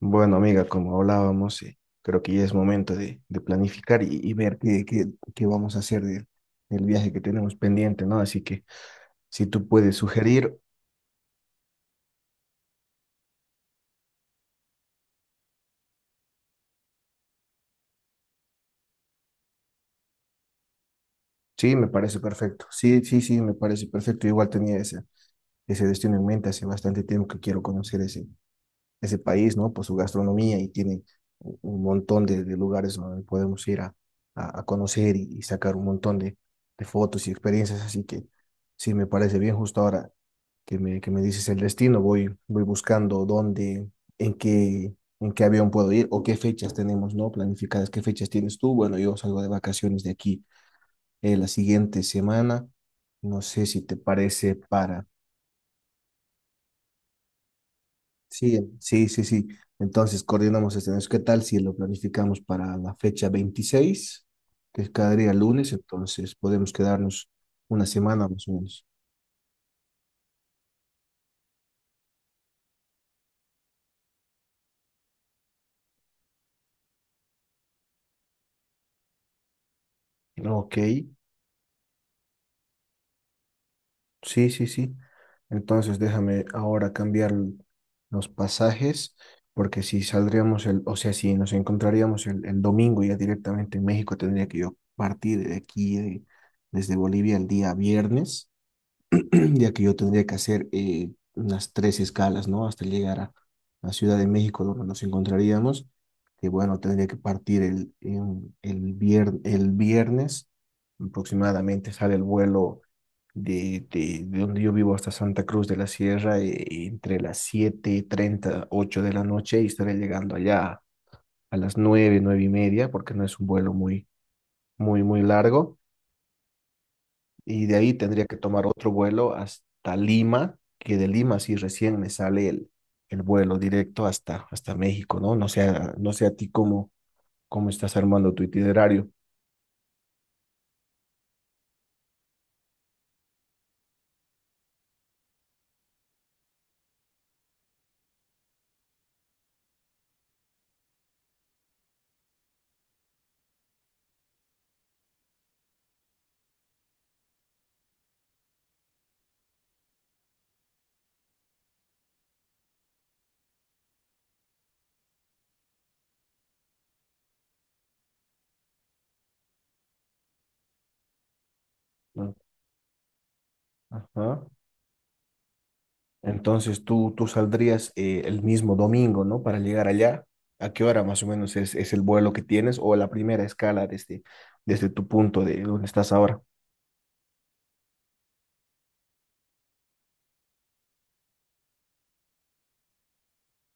Bueno, amiga, como hablábamos, creo que ya es momento de planificar y ver qué vamos a hacer del viaje que tenemos pendiente, ¿no? Así que si tú puedes sugerir, sí, me parece perfecto. Sí, sí, sí, me parece perfecto. Igual tenía ese destino en mente hace bastante tiempo que quiero conocer ese país, ¿no? Por su gastronomía y tiene un montón de lugares donde podemos ir a conocer y sacar un montón de fotos y experiencias. Así que sí, me parece bien justo ahora que me dices el destino. Voy buscando dónde, en qué, en qué avión puedo ir o qué fechas tenemos, ¿no? Planificadas, qué fechas tienes tú. Bueno, yo salgo de vacaciones de aquí la siguiente semana. No sé si te parece para. Sí, sí, sí, sí. Entonces, coordinamos este mes. ¿Qué tal si lo planificamos para la fecha 26, que es cada día lunes? Entonces, podemos quedarnos una semana más o menos. Ok, sí, sí, sí. Entonces, déjame ahora cambiar los pasajes, porque si saldríamos el, o sea, si nos encontraríamos el domingo ya directamente en México, tendría que yo partir de aquí, desde Bolivia, el día viernes. Ya que yo tendría que hacer unas tres escalas, ¿no? Hasta llegar a la Ciudad de México, donde nos encontraríamos, que bueno, tendría que partir el viernes, aproximadamente sale el vuelo de donde yo vivo hasta Santa Cruz de la Sierra, entre las 7:38 de la noche, y estaré llegando allá a las nueve, 9:30, porque no es un vuelo muy, muy, muy largo y de ahí tendría que tomar otro vuelo hasta Lima, que de Lima sí recién me sale el vuelo directo hasta México, ¿no? No sé, no sé a ti cómo estás armando tu itinerario, ¿no? Ajá. Entonces tú saldrías el mismo domingo, ¿no? Para llegar allá. ¿A qué hora más o menos es el vuelo que tienes o la primera escala desde tu punto de donde estás ahora?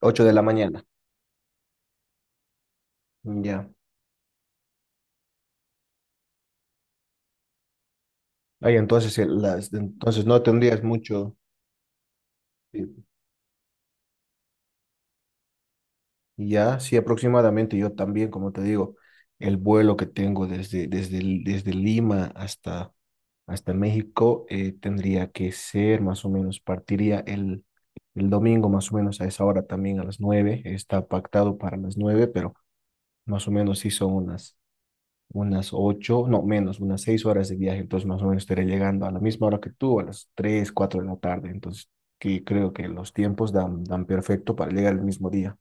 8 de la mañana. Ya. Ahí entonces, entonces no tendrías mucho. eh, Y ya, sí, aproximadamente yo también, como te digo, el vuelo que tengo desde Lima hasta México tendría que ser más o menos, partiría el domingo más o menos a esa hora también, a las nueve, está pactado para las nueve, pero más o menos sí son unas ocho, no menos, unas seis horas de viaje, entonces más o menos estaré llegando a la misma hora que tú, a las tres, cuatro de la tarde, entonces que creo que los tiempos dan perfecto para llegar el mismo día.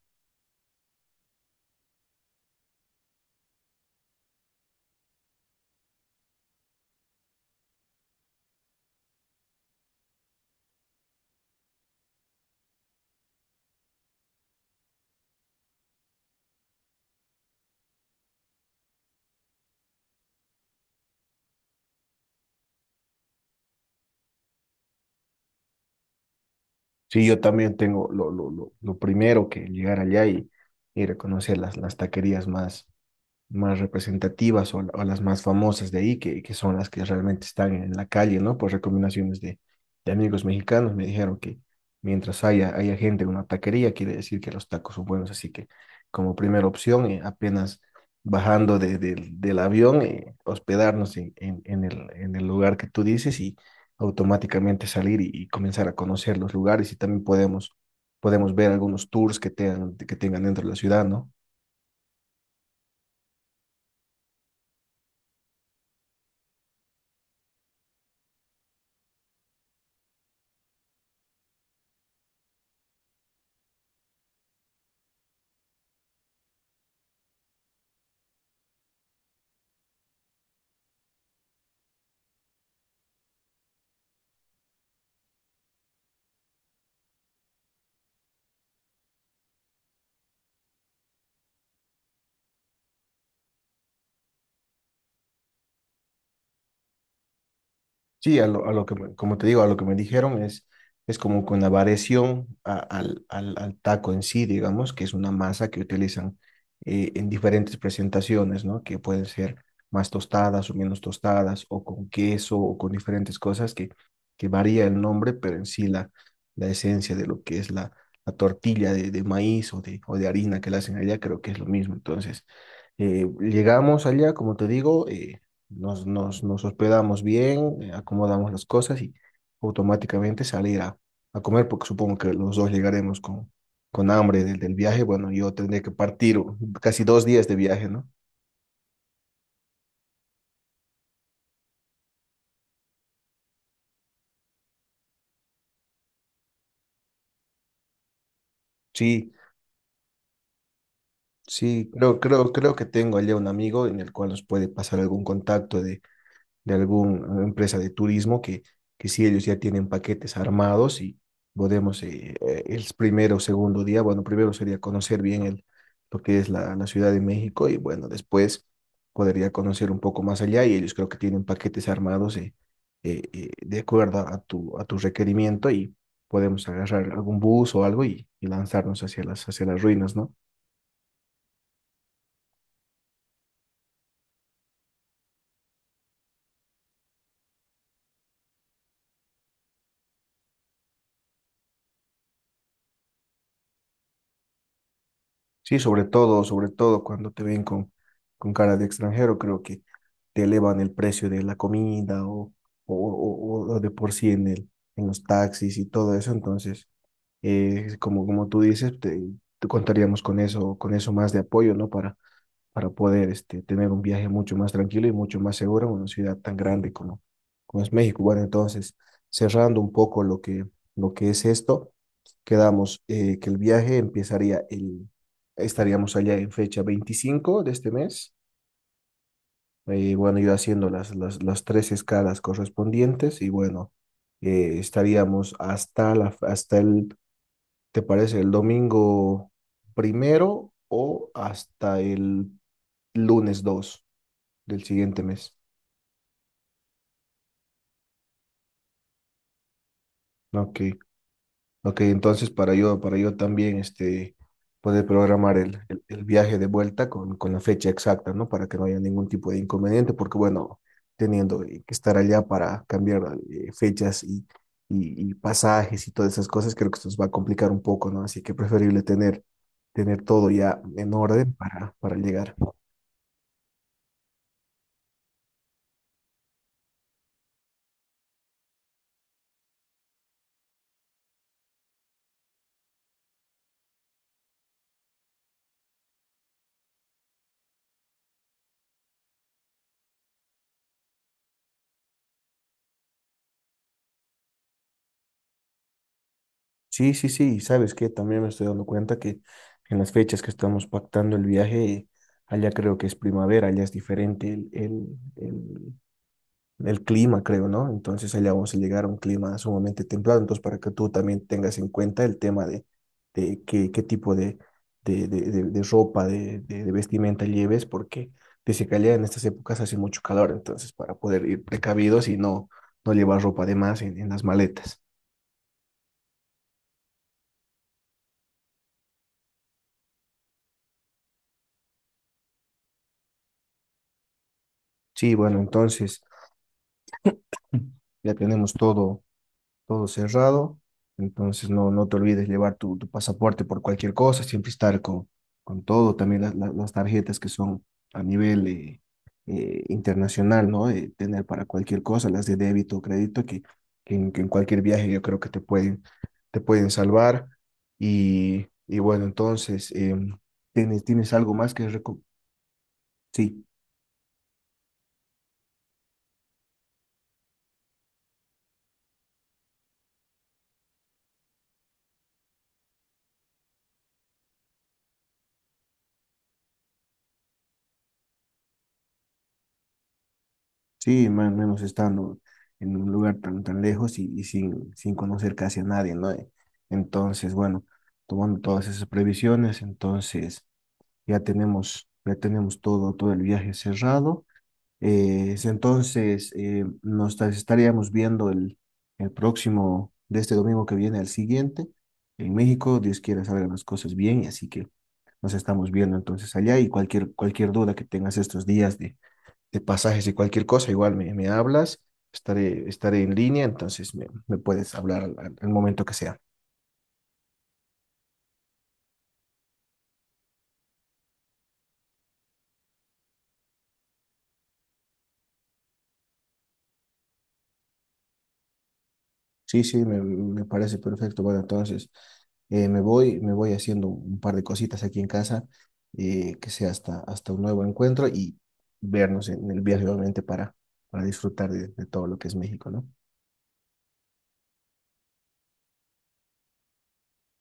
Sí, yo también tengo lo primero que llegar allá y reconocer las taquerías más representativas o las más famosas de ahí, que son las que realmente están en la calle, ¿no? Por recomendaciones de amigos mexicanos me dijeron que mientras haya gente en una taquería, quiere decir que los tacos son buenos, así que como primera opción, apenas bajando del avión, hospedarnos en el lugar que tú dices y automáticamente salir y comenzar a conocer los lugares y también podemos ver algunos tours que tengan dentro de la ciudad, ¿no? Sí, a lo que, me- como te digo, a lo que me dijeron es como con la variación al taco en sí, digamos, que es una masa que utilizan en diferentes presentaciones, ¿no? Que pueden ser más tostadas o menos tostadas, o con queso, o con diferentes cosas que varía el nombre, pero en sí la esencia de lo que es la tortilla de maíz o de harina que la hacen allá, creo que es lo mismo. Entonces, llegamos allá, como te digo, nos hospedamos bien, acomodamos las cosas y automáticamente salir a comer, porque supongo que los dos llegaremos con hambre del viaje. Bueno, yo tendré que partir casi 2 días de viaje, ¿no? Sí, sí, creo que tengo allá un amigo en el cual nos puede pasar algún contacto de alguna empresa de turismo que sí, ellos ya tienen paquetes armados y podemos el primero o segundo día, bueno, primero sería conocer bien lo que es la Ciudad de México y bueno, después podría conocer un poco más allá y ellos creo que tienen paquetes armados de acuerdo a tu requerimiento y podemos agarrar algún bus o algo y lanzarnos hacia hacia las ruinas, ¿no? Sí, sobre todo, cuando te ven con cara de extranjero, creo que te elevan el precio de la comida o de por sí en en los taxis y todo eso. Entonces, como, como tú dices, te contaríamos con eso, más de apoyo, ¿no? Para poder tener un viaje mucho más tranquilo y mucho más seguro en una ciudad tan grande como es México. Bueno, entonces, cerrando un poco lo que es esto, quedamos que el viaje empezaría estaríamos allá en fecha 25 de este mes. Bueno, yo haciendo las tres escalas correspondientes y bueno, estaríamos hasta el, ¿te parece? El domingo primero o hasta el lunes 2 del siguiente mes. Ok, ok, entonces para yo, también poder programar el viaje de vuelta con la fecha exacta, ¿no? Para que no haya ningún tipo de inconveniente, porque bueno, teniendo que estar allá para cambiar fechas y pasajes y todas esas cosas, creo que esto nos va a complicar un poco, ¿no? Así que preferible tener todo ya en orden para llegar. Sí, sí, sí, y sabes que también me estoy dando cuenta que en las fechas que estamos pactando el viaje, allá creo que es primavera, allá es diferente el clima, creo, ¿no? Entonces allá vamos a llegar a un clima sumamente templado, entonces para que tú también tengas en cuenta el tema de qué tipo de ropa, de vestimenta lleves, porque dice que allá en estas épocas hace mucho calor, entonces para poder ir precavidos y no, no llevar ropa de más en las maletas. Sí, bueno, entonces. Ya tenemos todo, todo cerrado. Entonces no, no te olvides llevar tu, tu pasaporte por cualquier cosa, siempre estar con todo, también las tarjetas que son a nivel internacional, ¿no? Tener para cualquier cosa, las de débito o crédito, que en cualquier viaje yo creo te pueden salvar. Y bueno, entonces, tienes algo más que recomendar? Sí. Sí, más menos estando en un lugar tan, tan lejos y sin conocer casi a nadie, ¿no? Entonces, bueno, tomando todas esas previsiones, entonces ya tenemos todo, todo el viaje cerrado. Es entonces, estaríamos viendo el próximo, de este domingo que viene al siguiente, en México, Dios quiera salgan las cosas bien, así que nos estamos viendo entonces allá y cualquier duda que tengas estos días de pasajes y cualquier cosa, igual me hablas, estaré en línea, entonces me puedes hablar al momento que sea. Sí, sí, me parece perfecto. Bueno, entonces me voy haciendo un par de cositas aquí en casa, que sea hasta un nuevo encuentro y vernos en el viaje, obviamente, para disfrutar de todo lo que es México, ¿no?